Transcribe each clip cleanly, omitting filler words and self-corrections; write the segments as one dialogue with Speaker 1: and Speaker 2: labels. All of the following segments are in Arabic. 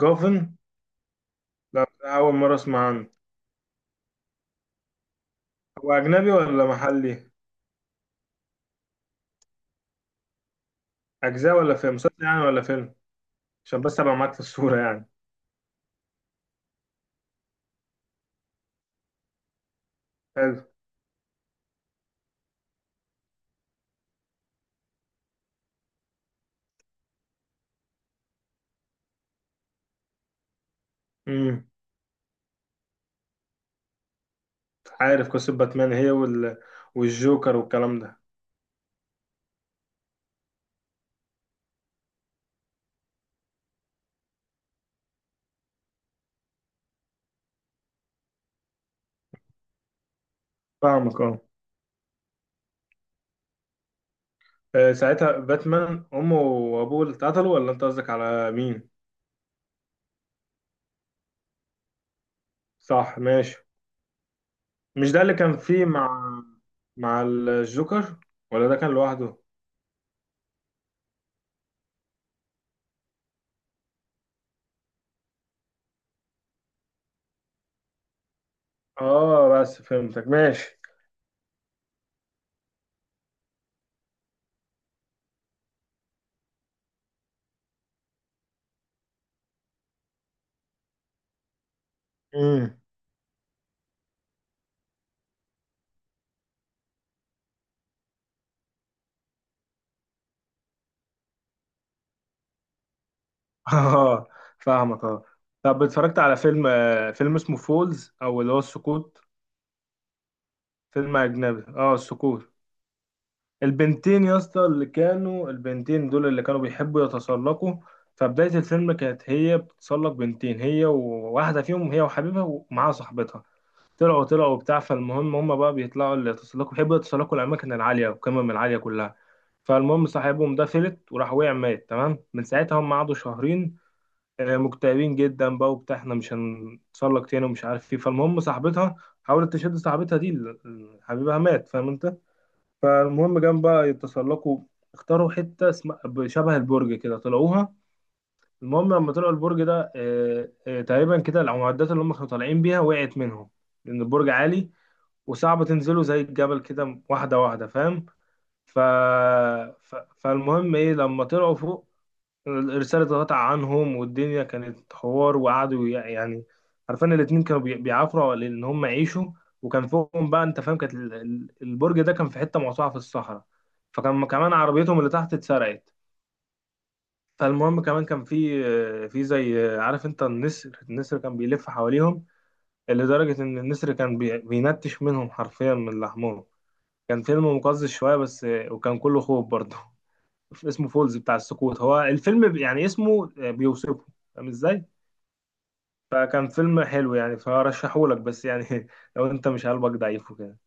Speaker 1: جوفن. لا، أول مرة أسمع عنه. هو أجنبي ولا محلي؟ أجزاء ولا فيلم؟ مسلسل يعني ولا فيلم؟ عشان بس أبقى معاك في الصورة يعني. حلو. امم. عارف قصة باتمان هي والجوكر والكلام ده. فاهمك اه. ساعتها باتمان أمه وأبوه اللي اتقتلوا، ولا أنت قصدك على مين؟ صح، ماشي. مش ده اللي كان فيه مع الجوكر، ولا ده كان لوحده؟ اه بس فهمتك ماشي. مم. اه فاهمك اه. طب اتفرجت على فيلم اسمه فولز او اللي هو السقوط؟ فيلم اجنبي اه السقوط. البنتين يا اسطى اللي كانوا البنتين دول اللي كانوا بيحبوا يتسلقوا. فبداية الفيلم كانت هي بتتسلق، بنتين، هي وواحدة فيهم، هي وحبيبها ومعاها صاحبتها. طلعوا بتاع، فالمهم هم بقى بيطلعوا اللي يتسلقوا بيحبوا يتسلقوا الأماكن العالية والقمم العالية كلها. فالمهم صاحبهم ده فلت وراح وقع مات، تمام. من ساعتها هم قعدوا شهرين مكتئبين جدا بقى وبتاع احنا مش هنتسلق تاني ومش عارف ايه. فالمهم صاحبتها حاولت تشد صاحبتها دي حبيبها مات، فاهم انت. فالمهم جم بقى يتسلقوا، اختاروا حتة اسمها، شبه البرج كده، طلعوها. المهم لما طلعوا البرج ده تقريبا كده المعدات اللي هم كانوا طالعين بيها وقعت منهم، لأن البرج عالي وصعب تنزله زي الجبل كده واحدة واحدة، فاهم. ف... فالمهم ايه لما طلعوا فوق، الرسالة اتقطع عنهم والدنيا كانت حوار، وقعدوا يعني عارفين الاتنين كانوا بيعافروا على ان هم يعيشوا. وكان فوقهم بقى، انت فاهم، كانت البرج ده كان في حتة موسوعة في الصحراء. فكان كمان عربيتهم اللي تحت اتسرقت. فالمهم كمان كان في زي، عارف انت، النسر، النسر كان بيلف حواليهم، لدرجة ان النسر كان بينتش منهم حرفيا من لحمهم. كان فيلم مقزز شوية بس، وكان كله خوف برضه. اسمه فولز بتاع السقوط، هو الفيلم يعني اسمه بيوصفه، فاهم ازاي. فكان فيلم حلو يعني، فرشحهولك، بس يعني لو انت مش قلبك ضعيف وكده.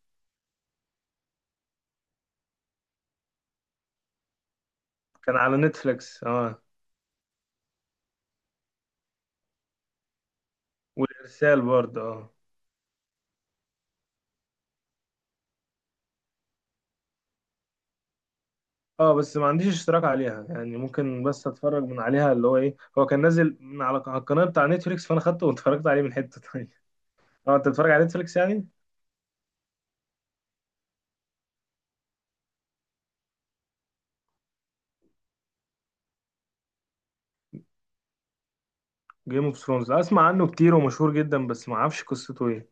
Speaker 1: كان على نتفليكس اه. والارسال برضه اه. اه بس ما عنديش اشتراك عليها، يعني ممكن بس اتفرج من عليها، اللي هو ايه، هو كان نازل من على القناه بتاع نتفليكس، فانا خدته واتفرجت عليه من حته تانية اه انت بتتفرج على نتفليكس يعني. جيم اوف ثرونز اسمع عنه كتير ومشهور جدا، بس ما اعرفش قصته ايه.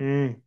Speaker 1: امم.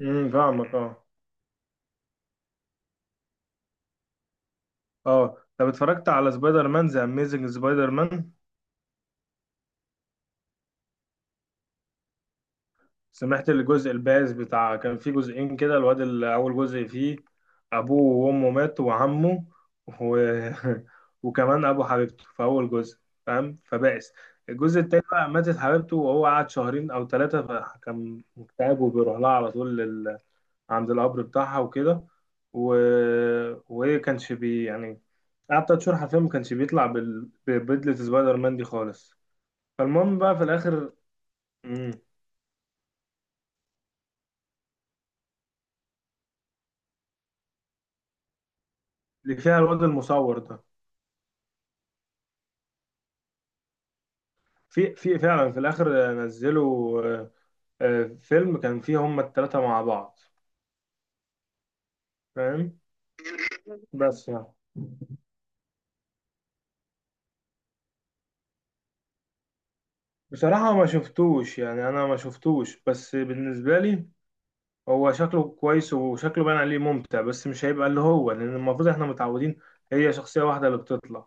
Speaker 1: فاهمك اه. اه طب اتفرجت على سبايدر مان ذا اميزنج سبايدر مان؟ سمعت الجزء البائس بتاع، كان في جزئين كده، الواد اللي اول جزء فيه ابوه وامه ماتوا وعمه و... وكمان ابو حبيبته في اول جزء، فاهم، فبائس. الجزء التاني بقى ماتت حبيبته وهو قعد شهرين او ثلاثة، فكان مكتئب وبيروح لها على طول عند القبر بتاعها وكده و... وهي كانش بي يعني، قعد تلات شهور حرفيا ما كانش بيطلع ببدلة سبايدر مان دي خالص. فالمهم بقى في الاخر. مم. اللي فيها الواد المصور ده. في فعلا في الاخر نزلوا فيلم كان فيه هما التلاتة مع بعض، فاهم، بس يعني. بصراحة ما شفتوش، يعني أنا ما شفتوش، بس بالنسبة لي هو شكله كويس وشكله باين عليه ممتع، بس مش هيبقى اللي هو لأن المفروض إحنا متعودين هي شخصية واحدة اللي بتطلع.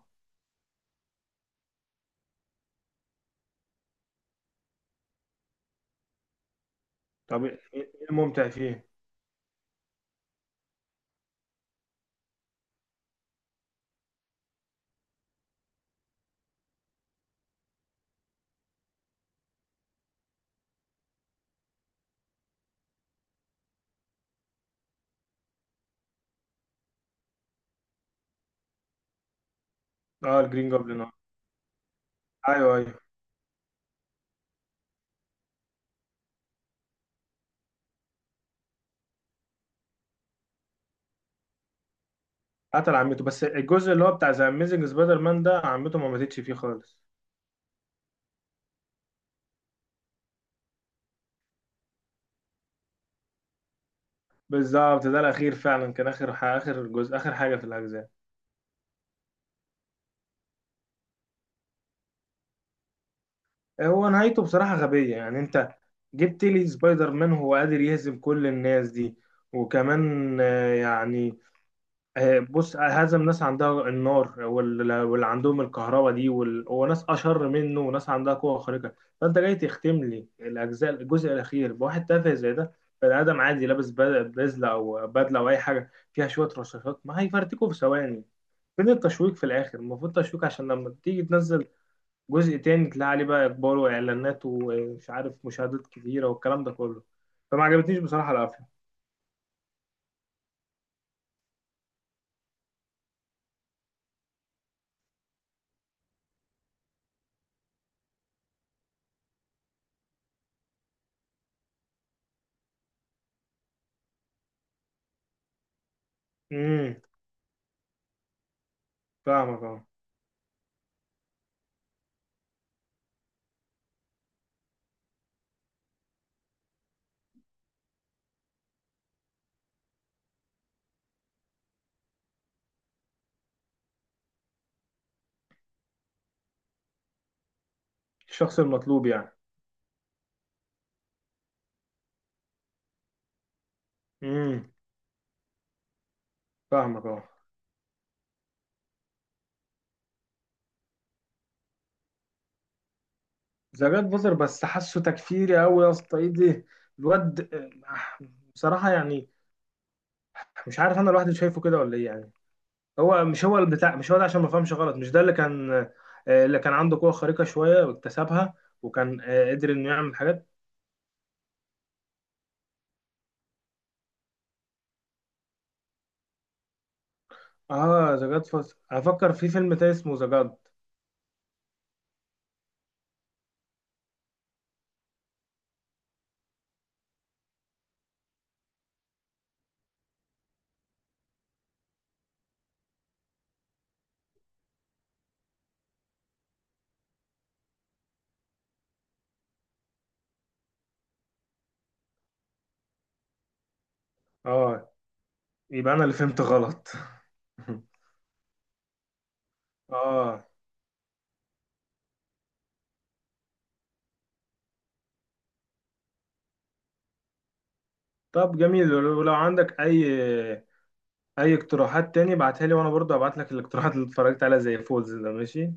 Speaker 1: طب إيه إيه إيه الممتع فيه؟ آه الجرين جوبلين آه. أيوه أيوه. قتل عمته، بس الجزء اللي هو بتاع ذا أميزنج سبايدر مان ده عمته ما ماتتش فيه خالص. بالظبط، ده الاخير، فعلا كان اخر اخر جزء، اخر حاجه في الاجزاء. هو نهايته بصراحه غبيه، يعني انت جبت لي سبايدر مان هو قادر يهزم كل الناس دي، وكمان يعني بص هزم ناس عندها النار واللي عندهم الكهرباء دي وناس اشر منه وناس عندها قوه خارقه، فانت جاي تختم لي الاجزاء الجزء الاخير بواحد تافه زي ده. بني ادم عادي لابس بزله او بدله او اي حاجه فيها شويه رشاشات، ما هيفرتكوا في ثواني. فين التشويق؟ في الاخر المفروض تشويق عشان لما تيجي تنزل جزء تاني تلاقي عليه بقى اقبال واعلانات ومش عارف مشاهدات كتيره والكلام ده كله. فما عجبتنيش بصراحه القفله. امم فاهمك اه. الشخص المطلوب يعني. امم فاهمك اه. ذا جاد فازر، بس حاسه تكفيري قوي يا اسطى، ايه ده الواد، آه، بصراحه يعني، مش عارف انا لوحدي شايفه كده ولا ايه يعني. هو مش هو البتاع، مش هو ده عشان ما فهمش غلط، مش ده اللي كان اللي كان عنده قوه خارقه شويه واكتسبها، وكان قدر انه يعمل حاجات. اه ذا جاد فاس افكر في فيلم تاني اسمه ذا جاد. اه يبقى انا اللي فهمت غلط اه طب جميل. ولو لو عندك اي اقتراحات تاني ابعتها لي، وانا برضه هبعت لك الاقتراحات اللي اتفرجت عليها زي فولز ده، ماشي.